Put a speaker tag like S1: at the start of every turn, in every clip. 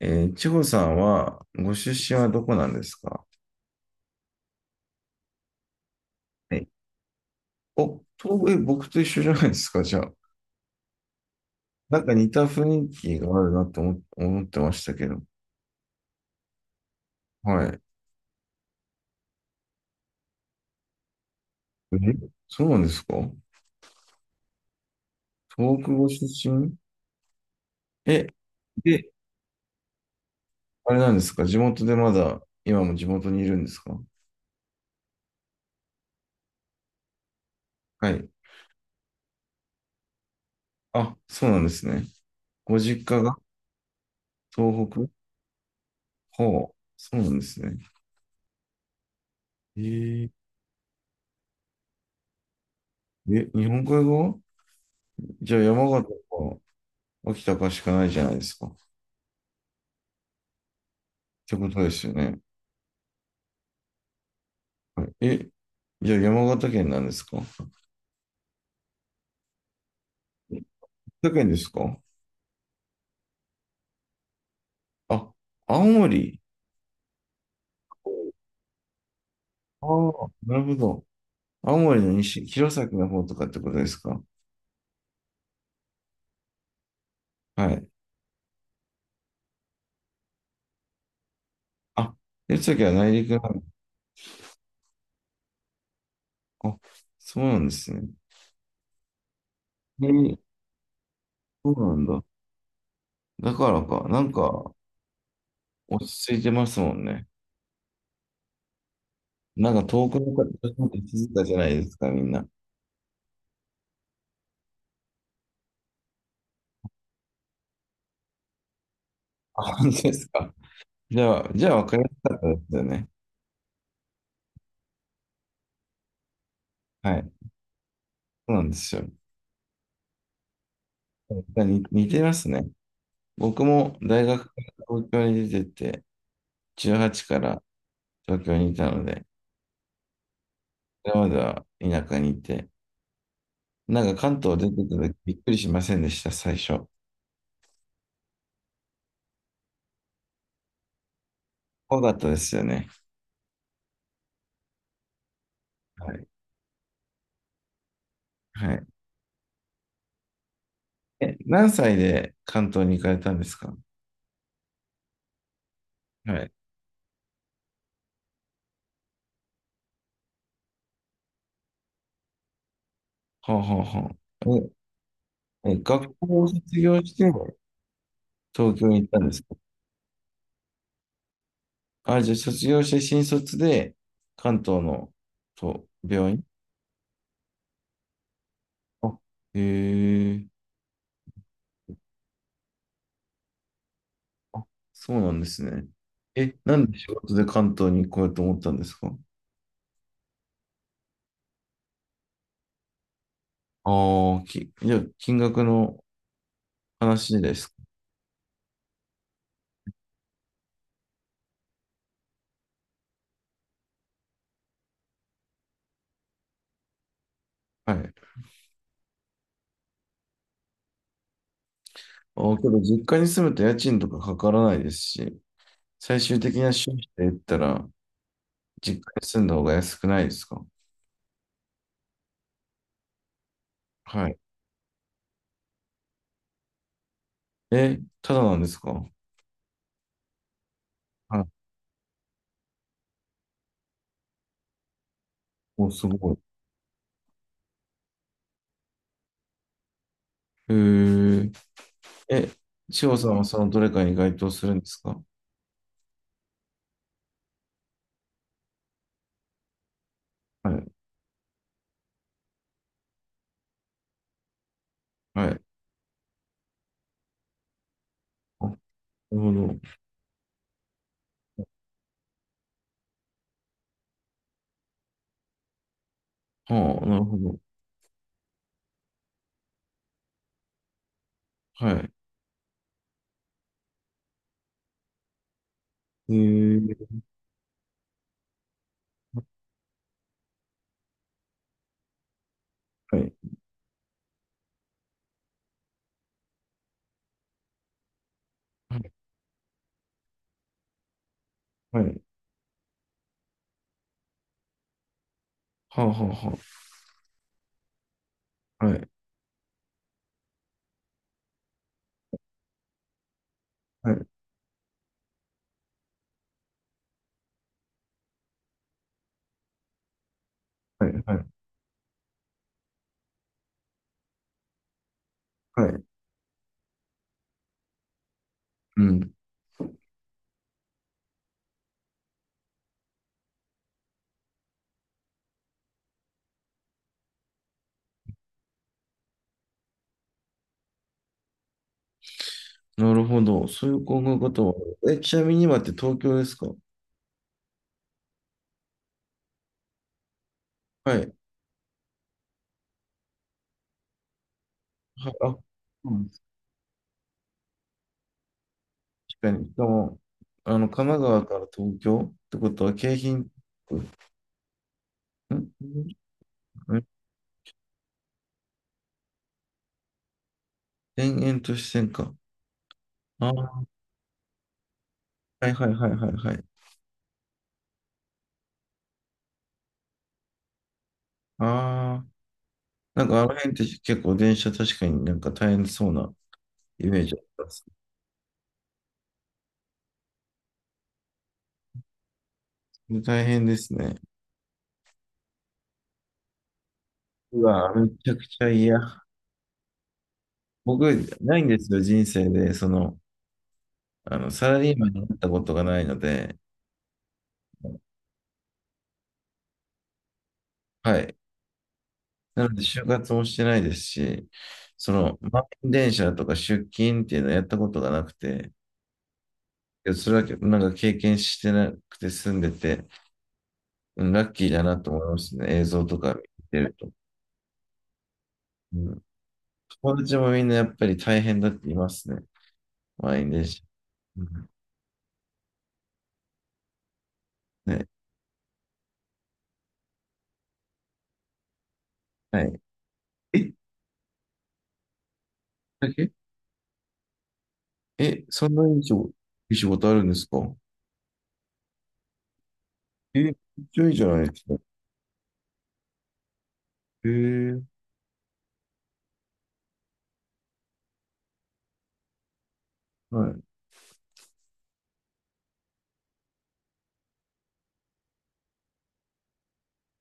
S1: 千穂さんは、ご出身はどこなんですか？はい。お、僕と一緒じゃないですか、じゃあ。なんか似た雰囲気があるなと思ってましたけど。はい。え、そうなんですか？東北ご出身？え、で、あれなんですか、地元でまだ、今も地元にいるんですか？はい。あ、そうなんですね。ご実家が東北？ほう、そうなんですね。えー、え、日本海側？じゃあ山形か秋田かしかないじゃないですか。ってことですよね。はい。え、じゃあ山形県なんですか？山形県ですか？あ、青森。ああ、なるほど。青森の西、弘前の方とかってことですか？はい。あ、弘前は内陸なの。あ、そうなんですね。えー、そうなんだ。だからか、なんか落ち着いてますもんね。なんか遠くの方に気づいたじゃないですか、みんな。本当ですか？じゃあ、じゃあ分かりやすかったですよね。はい。そうなんですよ。似てますね。僕も大学から東京に出てて、18から東京にいたので、それまでは田舎にいて、なんか関東出てた時びっくりしませんでした、最初？怖かったですよね。はい。はい。え、何歳で関東に行かれたんですか？はい。ほうほうほう。え、え、学校を卒業して東京に行ったんですか？あ、じゃあ卒業して新卒で関東の、と病院。あ、へえ。あ、そうなんですね。え、なんで仕事で関東に行こうと思ったんですか？ああ、じゃあ、金額の話ですか。はい。ああ、けど、実家に住むと家賃とかかからないですし、最終的な収支で言ったら、実家に住んだ方が安くないですか？はい。え、ただなんですか？はい。お、すごい。へえ、え、千穂さんはそのどれかに該当するんですか？はい。はい。あ、なるほど。はあ、なるほど。はい。へえ、はい。はい。はあ、はあ、はあ。はい。はい。はい。はい。はい。うん。なるほど。そういう考え方は。え、ちなみに今って東京ですか？はい。はあ、うん、確かに。しかも、あの、神奈川から東京ってことは、京浜。んん。田園都市線か。ああ、はいはいはいはいはい。ああ、なんかあの辺って結構電車確かになんか大変そうなイメージあります。大変ですね。うわ、めちゃくちゃ嫌。僕、ないんですよ、人生で、その、あの、サラリーマンになったことがないので、はい。なので、就活もしてないですし、その、満員電車とか出勤っていうのをやったことがなくて、いや、それはなんか経験してなくて住んでて、うん、ラッキーだなと思いますね、映像とか見てると。うん、友達もみんなやっぱり大変だって言いますね、満員電車。うん。ね、はい。え、だけ、え、そんなにいい仕事、いい仕事あるんですか？え、めっちゃいいじゃないですか。ええ。はい。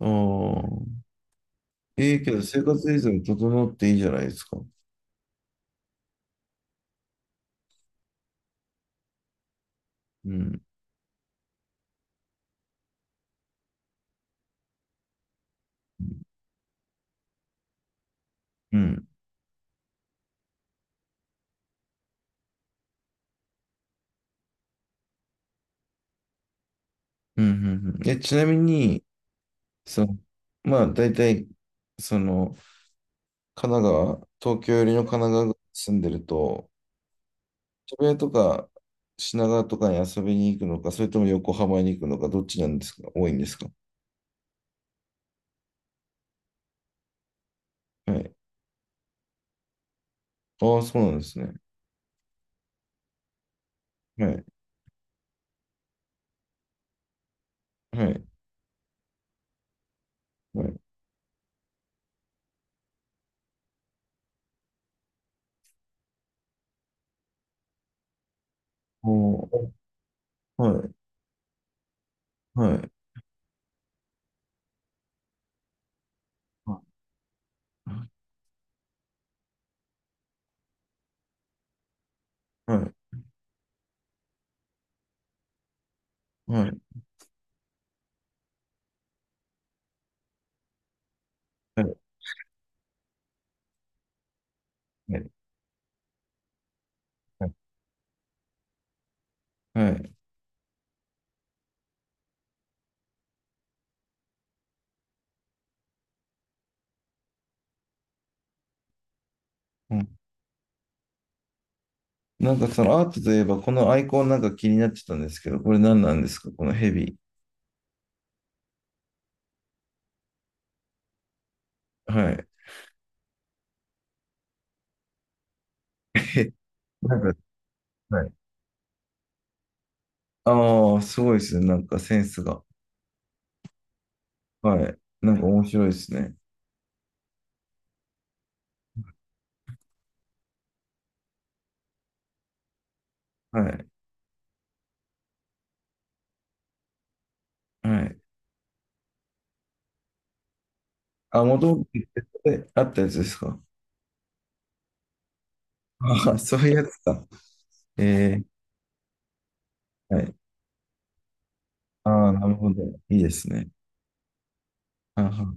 S1: ああ、え、けど生活水準整っていいじゃないですか。うんうんうん。うん、え、ちなみにその、まあだいたいその、神奈川、東京よりの神奈川住んでると、千葉とか品川とかに遊びに行くのか、それとも横浜に行くのか、どっちなんですか、多いんですか？はい。ああ、そうなんですね。はいはいはい。お。はいはいはいはいはいはいはいはい。なんかそのアートといえば、このアイコンなんか気になってたんですけど、これ何なんですか、このヘビ。はい。なんか、はい。ああ、すごいですね。なんかセンスが。はい。なんか面白いですね。はい。はい。あ、もともとあったやつですか？ああ、そういうやつか。ええ。はい。ああ、なるほど。いいですね。あはは